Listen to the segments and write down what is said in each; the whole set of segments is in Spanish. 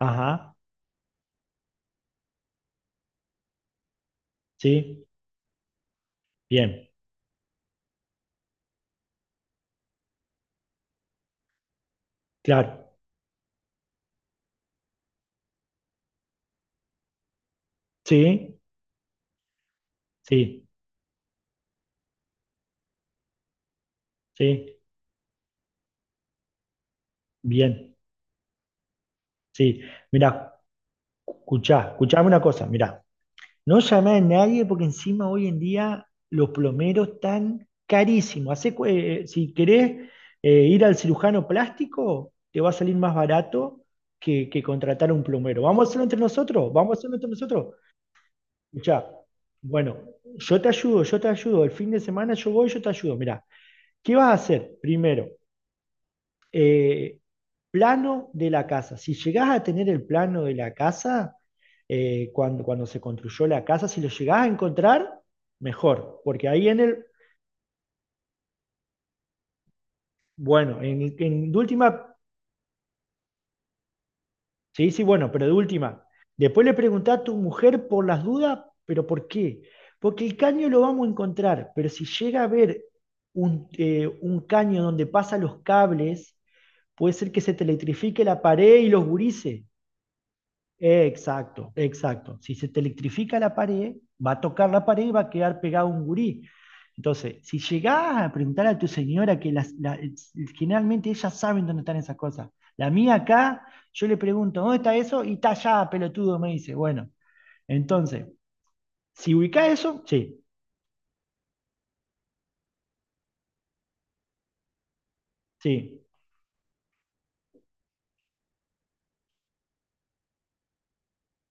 Ajá, sí, bien, claro, sí, sí, sí, bien, sí. Mirá, escuchá, escuchame una cosa, mirá, no llamé a nadie porque encima hoy en día los plomeros están carísimos. Hacé si querés ir al cirujano plástico, te va a salir más barato que contratar un plomero. Vamos a hacerlo entre nosotros, vamos a hacerlo entre nosotros. Escuchá, bueno, yo te ayudo, el fin de semana yo voy, yo te ayudo, mirá. ¿Qué vas a hacer? Primero, eh, plano de la casa. Si llegás a tener el plano de la casa, cuando se construyó la casa, si lo llegás a encontrar, mejor, porque ahí en el, bueno, en de última, sí, sí, bueno, pero de última, después le preguntá a tu mujer por las dudas, pero ¿por qué? Porque el caño lo vamos a encontrar, pero si llega a ver un caño donde pasan los cables, puede ser que se te electrifique la pared y los gurises. Exacto, exacto. Si se te electrifica la pared, va a tocar la pared y va a quedar pegado un gurí. Entonces, si llegás a preguntar a tu señora, generalmente ellas saben dónde están esas cosas. La mía acá, yo le pregunto, ¿dónde está eso? Y está allá, pelotudo, me dice. Bueno, entonces, si ubicás eso, sí, sí,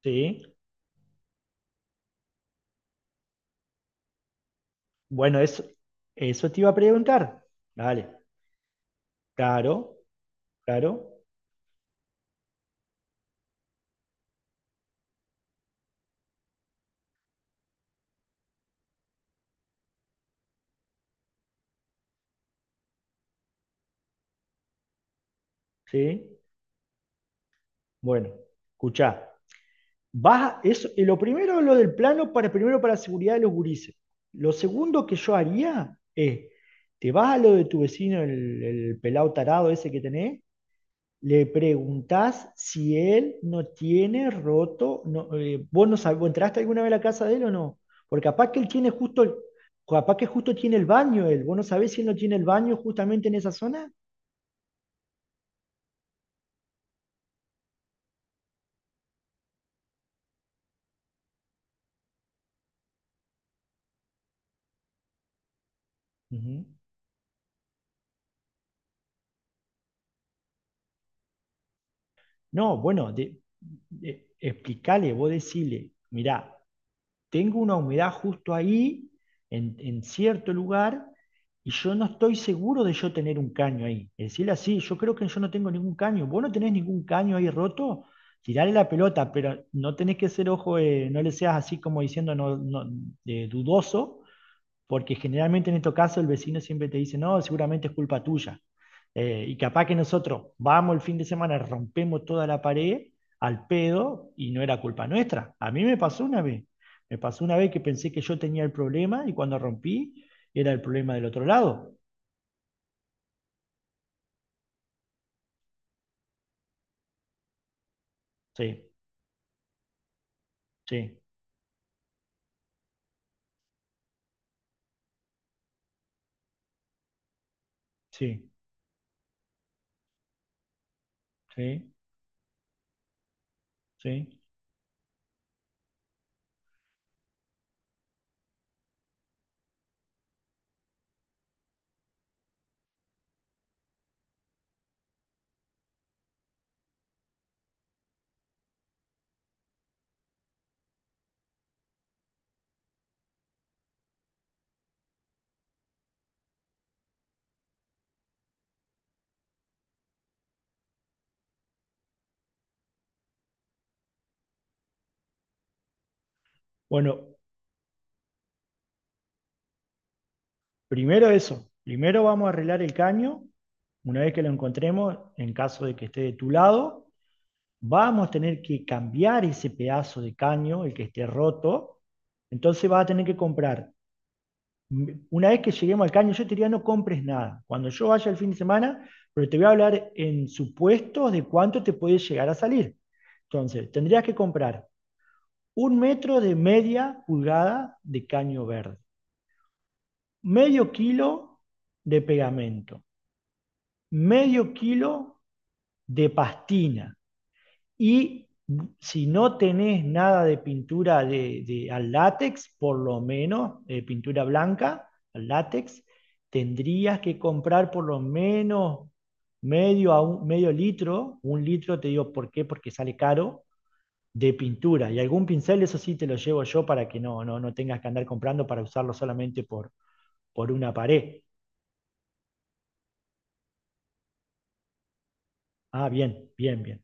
sí. Bueno, eso te iba a preguntar. Dale, claro, claro, sí. Bueno, escuchá. Vas, eso, y lo primero es lo del plano para primero para la seguridad de los gurises. Lo segundo que yo haría es, te vas a lo de tu vecino, el pelado tarado ese que tenés, le preguntás si él no tiene roto, no, vos no sabés, ¿vos entraste alguna vez a la casa de él o no? Porque capaz que él tiene justo, capaz que justo tiene el baño él, vos no sabés si él no tiene el baño justamente en esa zona. Ujú. No, bueno, explicale, vos decile, mirá, tengo una humedad justo ahí, en cierto lugar, y yo no estoy seguro de yo tener un caño ahí. Es decir, así, yo creo que yo no tengo ningún caño. ¿Vos no tenés ningún caño ahí roto? Tirale la pelota, pero no tenés que ser ojo, no le seas así como diciendo no, no, dudoso, porque generalmente en estos casos el vecino siempre te dice, no, seguramente es culpa tuya. Y capaz que nosotros vamos el fin de semana, rompemos toda la pared al pedo y no era culpa nuestra. A mí me pasó una vez. Me pasó una vez que pensé que yo tenía el problema y cuando rompí era el problema del otro lado. Sí, sí, sí, sí, sí. Bueno, primero eso. Primero vamos a arreglar el caño. Una vez que lo encontremos, en caso de que esté de tu lado, vamos a tener que cambiar ese pedazo de caño, el que esté roto, entonces vas a tener que comprar. Una vez que lleguemos al caño, yo te diría no compres nada. Cuando yo vaya el fin de semana, pero te voy a hablar en supuestos de cuánto te puede llegar a salir. Entonces, tendrías que comprar 1 metro de media pulgada de caño verde, medio kilo de pegamento, medio kilo de pastina. Y si no tenés nada de pintura al látex, por lo menos pintura blanca al látex, tendrías que comprar por lo menos medio litro, 1 litro, te digo por qué, porque sale caro, de pintura. Y algún pincel, eso sí te lo llevo yo para que no tengas que andar comprando para usarlo solamente por una pared. Ah, bien, bien, bien.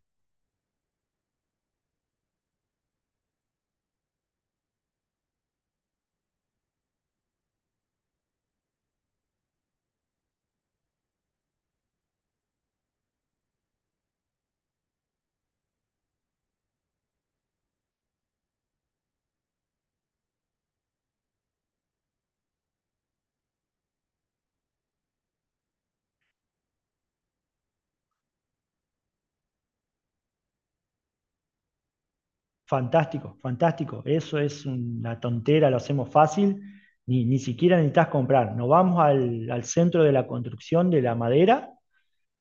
Fantástico, fantástico. Eso es una tontera, lo hacemos fácil. Ni siquiera necesitas comprar. Nos vamos al centro de la construcción de la madera,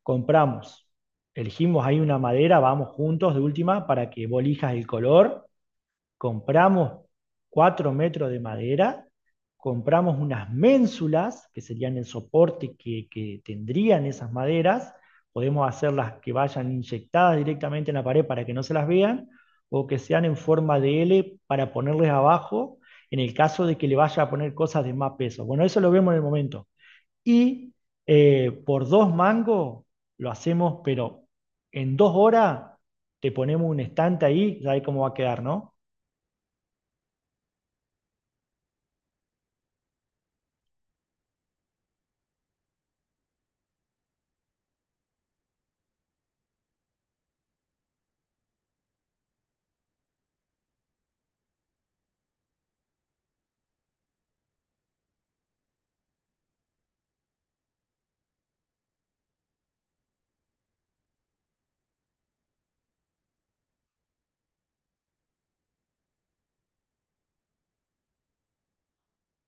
compramos. Elegimos ahí una madera, vamos juntos de última para que vos elijas el color, compramos 4 metros de madera, compramos unas ménsulas, que serían el soporte que tendrían esas maderas, podemos hacerlas que vayan inyectadas directamente en la pared para que no se las vean, o que sean en forma de L para ponerles abajo, en el caso de que le vaya a poner cosas de más peso. Bueno, eso lo vemos en el momento. Y por 2 mangos lo hacemos, pero en 2 horas te ponemos un estante ahí, ya ahí cómo va a quedar, ¿no?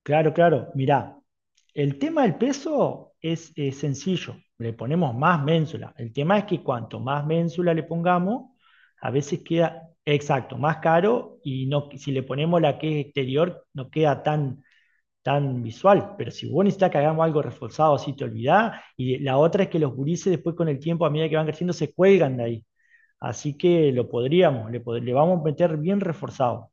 Claro, claro. Mirá, el tema del peso es, sencillo. Le ponemos más ménsula. El tema es que cuanto más ménsula le pongamos, a veces queda exacto, más caro y no, si le ponemos la que es exterior, no queda tan, tan visual. Pero si vos necesitas que hagamos algo reforzado, así te olvidás. Y la otra es que los gurises después con el tiempo, a medida que van creciendo, se cuelgan de ahí. Así que lo podríamos, le vamos a meter bien reforzado.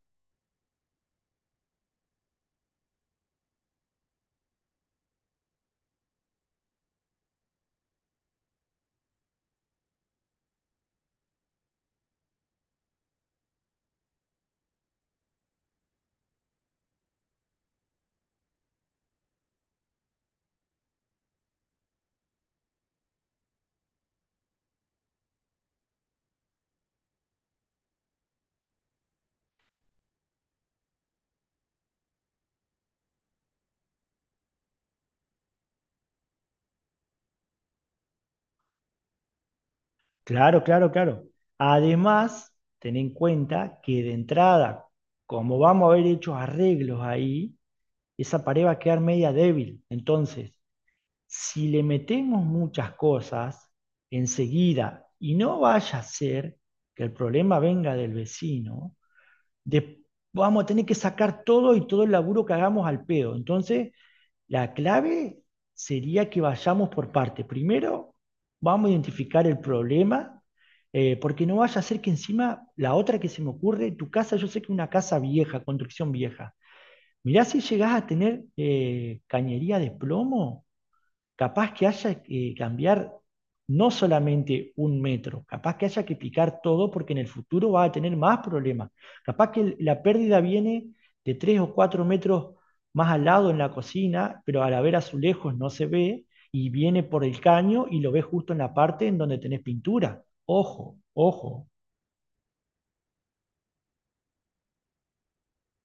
Claro, claro, claro. Además, ten en cuenta que de entrada, como vamos a haber hecho arreglos ahí, esa pared va a quedar media débil. Entonces, si le metemos muchas cosas enseguida y no vaya a ser que el problema venga del vecino, de- vamos a tener que sacar todo y todo el laburo que hagamos al pedo. Entonces, la clave sería que vayamos por parte. Primero, vamos a identificar el problema, porque no vaya a ser que encima la otra que se me ocurre, tu casa, yo sé que es una casa vieja, construcción vieja. Mirá si llegás a tener cañería de plomo, capaz que haya que cambiar no solamente 1 metro, capaz que haya que picar todo porque en el futuro va a tener más problemas. Capaz que la pérdida viene de 3 o 4 metros más al lado en la cocina, pero al haber azulejos no se ve y viene por el caño y lo ves justo en la parte en donde tenés pintura. Ojo, ojo.